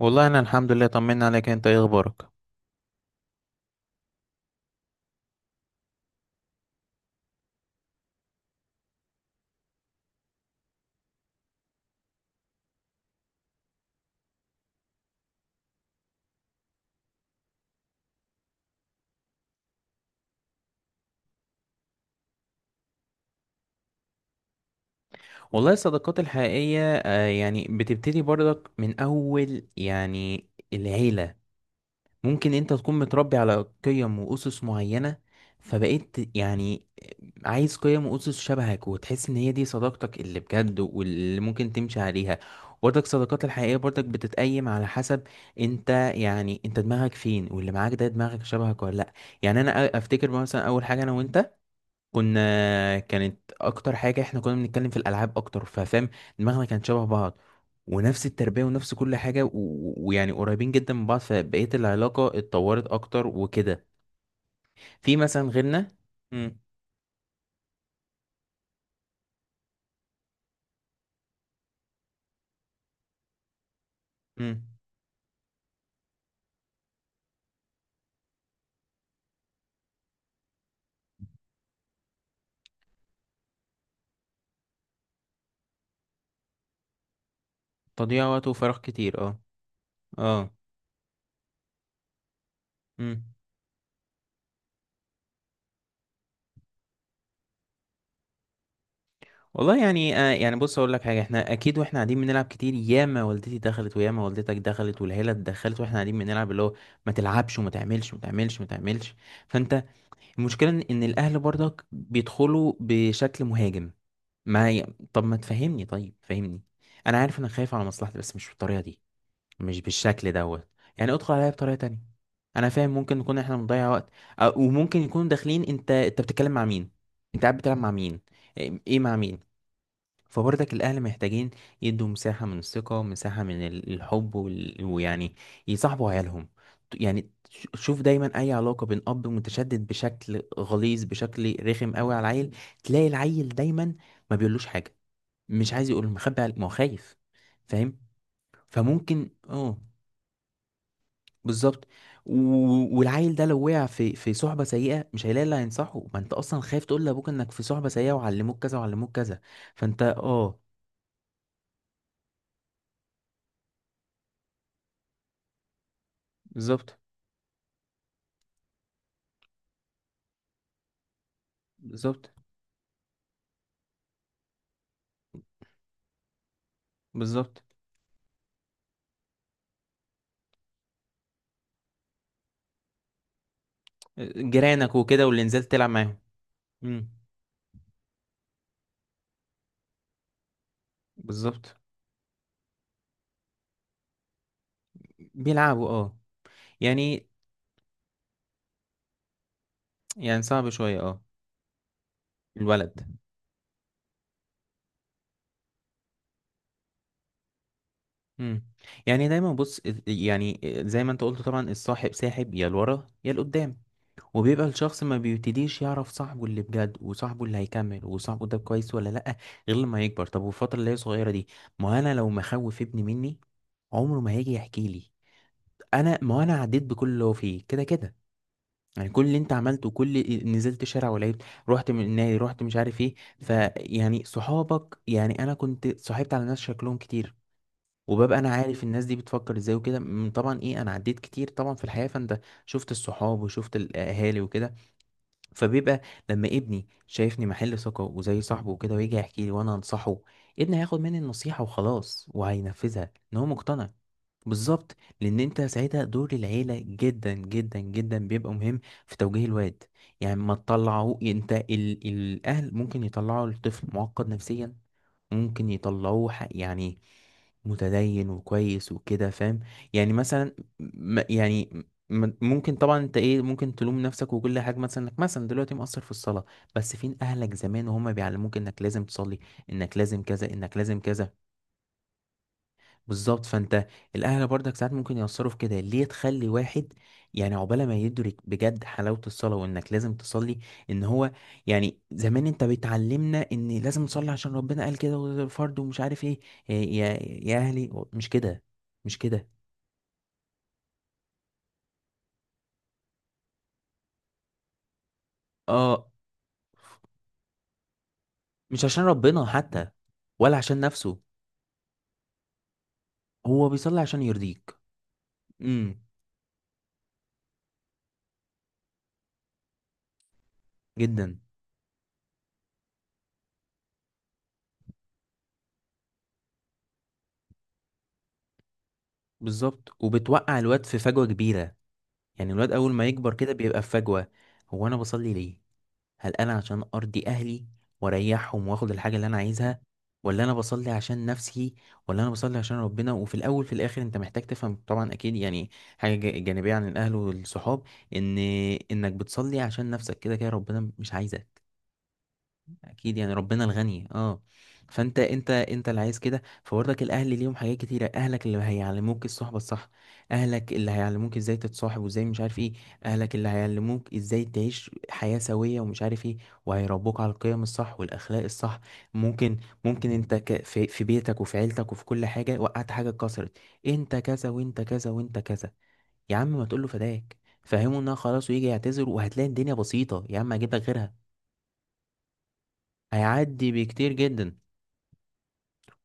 والله انا الحمد لله، طمنا عليك. انت ايه اخبارك؟ والله الصداقات الحقيقية يعني بتبتدي برضك من اول، يعني العيلة. ممكن انت تكون متربي على قيم واسس معينة، فبقيت يعني عايز قيم واسس شبهك وتحس ان هي دي صداقتك اللي بجد واللي ممكن تمشي عليها. برضك الصداقات الحقيقية برضك بتتقيم على حسب انت، يعني انت دماغك فين واللي معاك ده دماغك شبهك ولا لا. يعني انا افتكر مثلا اول حاجة انا وانت كنا، كانت اكتر حاجه احنا كنا بنتكلم في الالعاب اكتر، ففاهم دماغنا كانت شبه بعض ونفس التربيه ونفس كل حاجه، و- و- ويعني قريبين جدا من بعض، فبقيت العلاقه اتطورت اكتر وكده. في مثلا غيرنا. امم. امم. تضييع وقت وفراغ كتير اه. اه. امم. والله يعني يعني بص اقول لك حاجه، احنا اكيد واحنا قاعدين بنلعب كتير، ياما والدتي دخلت وياما والدتك دخلت والعيله دخلت واحنا قاعدين بنلعب، اللي هو ما تلعبش وما تعملش وما تعملش وما تعملش. فانت، المشكلة إن الأهل برضك بيدخلوا بشكل مهاجم. ما ي... طب ما تفهمني، طيب فهمني. أنا عارف إنك خايف على مصلحتي، بس مش بالطريقة دي، مش بالشكل دوت. يعني ادخل عليا بطريقة تانية. أنا فاهم ممكن نكون إحنا بنضيع وقت، وممكن يكونوا داخلين. أنت بتتكلم مع مين؟ أنت قاعد بتلعب مع مين؟ إيه إيه مع مين؟ فبرضك الأهل محتاجين يدوا مساحة من الثقة، مساحة من الحب ويعني يصاحبوا عيالهم. شوف دايما أي علاقة بين أب متشدد بشكل غليظ بشكل رخم قوي على العيل، تلاقي العيل دايما ما بيقولوش حاجة، مش عايز يقول، ما هو خايف. فاهم. فممكن اه. بالظبط. و- والعيل ده لو وقع في صحبة سيئة، مش هيلاقي اللي هينصحه، ما انت اصلا خايف تقول لابوك انك في صحبة سيئة وعلموك كذا وعلموك كذا. فانت اه. بالظبط. بالظبط. بالظبط. جيرانك وكده واللي نزلت تلعب معاهم. امم. بالظبط. بيلعبوا اه. يعني، يعني صعب شوية اه. الولد. امم. يعني دايما بص، يعني زي ما انت قلت طبعا الصاحب ساحب، يا لورا يا لقدام. وبيبقى الشخص ما بيبتديش يعرف صاحبه اللي بجد، وصاحبه اللي هيكمل، وصاحبه ده كويس ولا لأ، غير لما يكبر. طب والفترة اللي هي صغيرة دي، ما انا لو مخوف ابني مني، عمره ما هيجي يحكي لي. انا، ما انا عديت بكل اللي هو فيه كده كده. يعني كل اللي انت عملته، نزلت شارع ولعبت، رحت من النادي، رحت مش عارف ايه. فيعني صحابك، يعني انا كنت صاحبت على ناس شكلهم كتير، وببقى انا عارف الناس دي بتفكر ازاي وكده. طبعا ايه، انا عديت كتير طبعا في الحياة، فانت شفت الصحاب وشفت الاهالي وكده. فبيبقى لما ابني شايفني محل ثقة وزي صاحبه وكده ويجي يحكي لي وانا انصحه، ابني هياخد مني النصيحة وخلاص وهينفذها ان هو مقتنع. بالظبط. لان انت ساعتها دور العيله جدا جدا جدا بيبقى مهم في توجيه الواد. يعني ما تطلعوه انت، الاهل ممكن يطلعوا الطفل معقد نفسيا، ممكن يطلعوه يعني متدين وكويس وكده، فاهم. يعني مثلا ممكن طبعا انت ايه، ممكن تلوم نفسك وكل حاجه، مثلا انك مثلا دلوقتي مقصر في الصلاه، بس فين اهلك زمان وهم بيعلموك انك لازم تصلي، انك لازم كذا، انك لازم كذا. بالظبط فانت، الاهل برضك ساعات ممكن يأثروا في كده، ليه تخلي واحد يعني عقبال ما يدرك بجد حلاوة الصلاة وانك لازم تصلي. ان هو يعني زمان انت بتعلمنا ان لازم نصلي عشان ربنا قال كده، وده فرض ومش عارف ايه. يا اهلي مش كده، مش كده اه. مش عشان ربنا حتى، ولا عشان نفسه، هو بيصلي عشان يرضيك. امم. جدا. بالظبط، وبتوقع الواد في فجوة كبيرة. يعني الواد اول ما يكبر كده بيبقى في فجوة: هو انا بصلي ليه؟ هل انا عشان ارضي اهلي واريحهم واخد الحاجه اللي انا عايزها، ولا انا بصلي عشان نفسي، ولا انا بصلي عشان ربنا؟ وفي الاول في الاخر انت محتاج تفهم طبعا اكيد، يعني حاجه جانبيه عن الاهل والصحاب، ان انك بتصلي عشان نفسك كده كده، ربنا مش عايزك. اكيد يعني ربنا الغني اه. فانت، انت اللي عايز كده، فبرضك الاهل ليهم حاجات كتيره. اهلك اللي هيعلموك الصحبه الصح، اهلك اللي هيعلموك ازاي تتصاحب وازاي مش عارف ايه، اهلك اللي هيعلموك ازاي تعيش حياه سويه ومش عارف ايه، وهيربوك على القيم الصح والاخلاق الصح. ممكن، ممكن في بيتك وفي عيلتك وفي كل حاجه وقعت حاجه اتكسرت، انت كذا وانت كذا وانت كذا. يا عم ما تقول له فداك، فهمه انها خلاص ويجي يعتذر، وهتلاقي الدنيا بسيطه، يا عم اجيب لك غيرها. هيعدي بكتير جدا.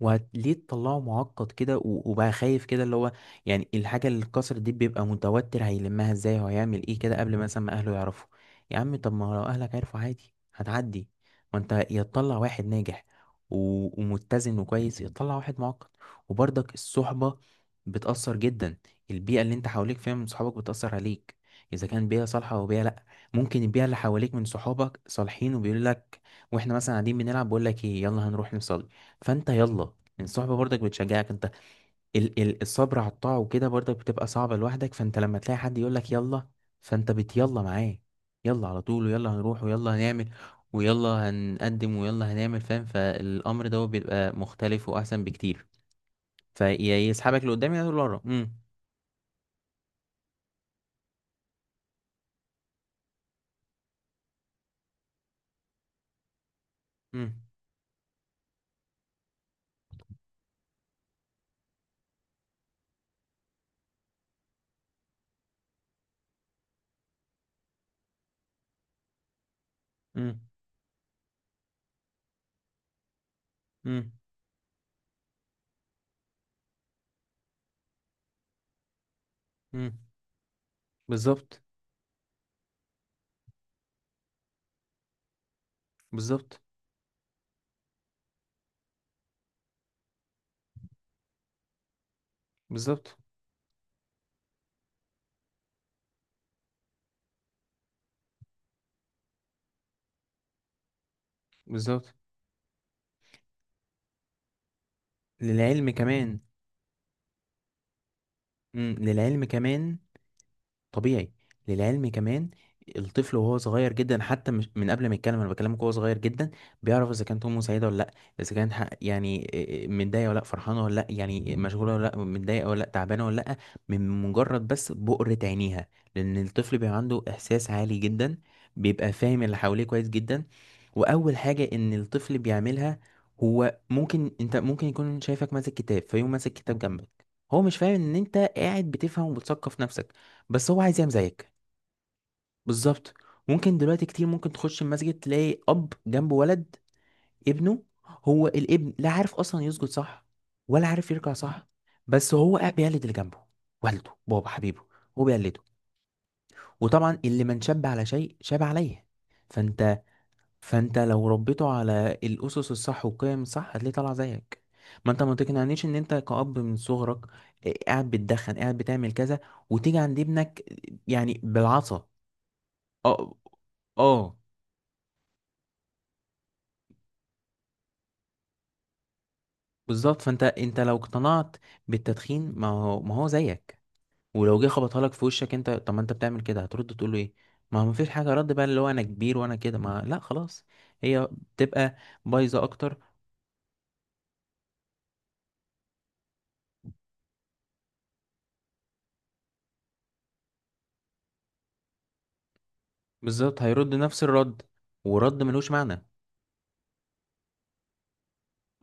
وليه تطلعه معقد كده و- وبقى خايف كده، اللي هو يعني الحاجة اللي اتكسرت دي بيبقى متوتر هيلمها ازاي وهيعمل ايه كده قبل مثلا ما اهله يعرفوا. يا عم، طب ما لو اهلك عرفوا عادي هتعدي. ما انت يا تطلع واحد ناجح و- ومتزن وكويس، يا تطلع واحد معقد. وبرضك الصحبة بتأثر جدا. البيئة اللي انت حواليك فيها من صحابك بتأثر عليك، اذا كان بيئة صالحة او بيئة لا. ممكن البيئة اللي حواليك من صحابك صالحين وبيقول لك، واحنا مثلا قاعدين بنلعب، بقول لك ايه يلا هنروح نصلي، فانت يلا. الصحبة برضك بتشجعك انت. ال ال الصبر على الطاعة وكده برضك بتبقى صعبة لوحدك، فانت لما تلاقي حد يقولك يلا، فانت بتيلا معاه. يلا على طول، ويلا هنروح، ويلا هنعمل، ويلا هنقدم، ويلا هنعمل، فاهم، فالأمر ده بيبقى مختلف وأحسن بكتير. فيسحبك لقدام يا لورا. امم. امم. امم. امم. امم. بالظبط. بالظبط. بالظبط. بالظبط. للعلم كمان. امم، للعلم كمان. طبيعي. للعلم كمان. الطفل وهو صغير جدا، حتى مش من قبل ما يتكلم انا بكلمك وهو صغير جدا، بيعرف اذا كانت امه سعيده ولا لا، اذا كانت يعني إيه، متضايقه ولا لا، فرحانه ولا لا، يعني مشغوله ولا لا، متضايقه ولا لا، تعبانه ولا لا، من مجرد بس بؤرة عينيها، لان الطفل بيبقى عنده احساس عالي جدا، بيبقى فاهم اللي حواليه كويس جدا. واول حاجه ان الطفل بيعملها، هو ممكن، انت ممكن يكون شايفك ماسك كتاب فيقوم ماسك كتاب جنبك، هو مش فاهم ان انت قاعد بتفهم وبتثقف نفسك، بس هو عايز يعمل زيك. بالظبط. ممكن دلوقتي كتير ممكن تخش المسجد تلاقي اب جنبه ولد، ابنه، هو الابن لا عارف اصلا يسجد صح ولا عارف يركع صح، بس هو قاعد بيقلد اللي جنبه، والده، بابا حبيبه، هو بيقلده. وطبعا اللي من شاب على شيء شاب عليه. فانت، فانت لو ربيته على الاسس الصح والقيم الصح هتلاقيه طالع زيك. ما انت ما تقنعنيش ان انت كأب من صغرك قاعد بتدخن، قاعد بتعمل كذا، وتيجي عند ابنك يعني بالعصا. اه. اه. بالظبط. فانت، انت لو اقتنعت بالتدخين، ما هو، ما هو زيك. ولو جه خبطها لك في وشك انت، طب ما انت بتعمل كده، هترد تقول له ايه؟ ما هو مفيش حاجه، رد بقى اللي هو انا كبير وانا كده، ما لا خلاص. هي بتبقى بايظه اكتر. بالظبط. هيرد نفس الرد، ورد ملوش معنى.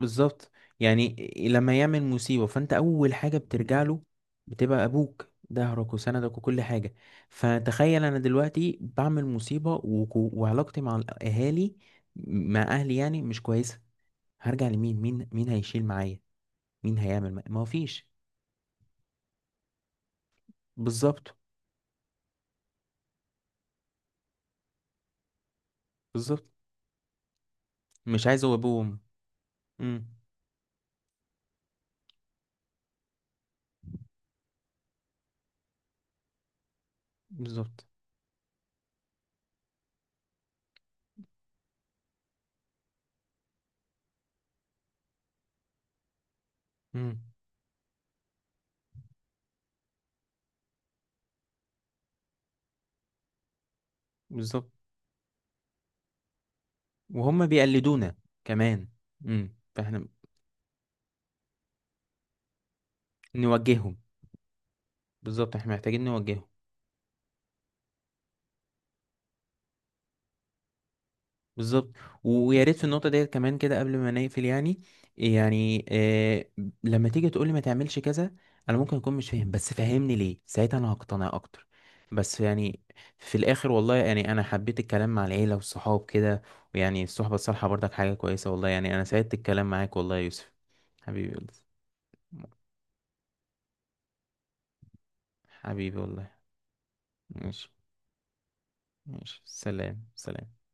بالظبط. يعني إيه، لما يعمل مصيبة فانت اول حاجة بترجع له، بتبقى ابوك ظهرك وسندك وكل حاجة. فتخيل انا دلوقتي بعمل مصيبة، وعلاقتي مع الاهالي، مع اهلي يعني مش كويسة، هرجع لمين؟ مين هيشيل معايا؟ مين هيعمل معايا؟ ما هو فيش. بالظبط. بالظبط. مش عايز هو ابوه وامه. امم. بالظبط. امم. بالظبط. وهم بيقلدونا كمان. امم. فاحنا نوجههم. بالظبط، احنا محتاجين نوجههم. بالظبط. ويا ريت في النقطة ديت كمان كده قبل ما نقفل، يعني لما تيجي تقولي ما تعملش كذا، انا ممكن اكون مش فاهم، بس فهمني ليه، ساعتها انا هقتنع اكتر. بس يعني في الاخر، والله يعني انا حبيت الكلام مع العيلة والصحاب كده، ويعني الصحبة الصالحة برضك حاجة كويسة. والله يعني انا سعدت الكلام معاك، والله يا يوسف. حبيبي يا يوسف. حبيبي والله. ماشي. ماشي، سلام سلام.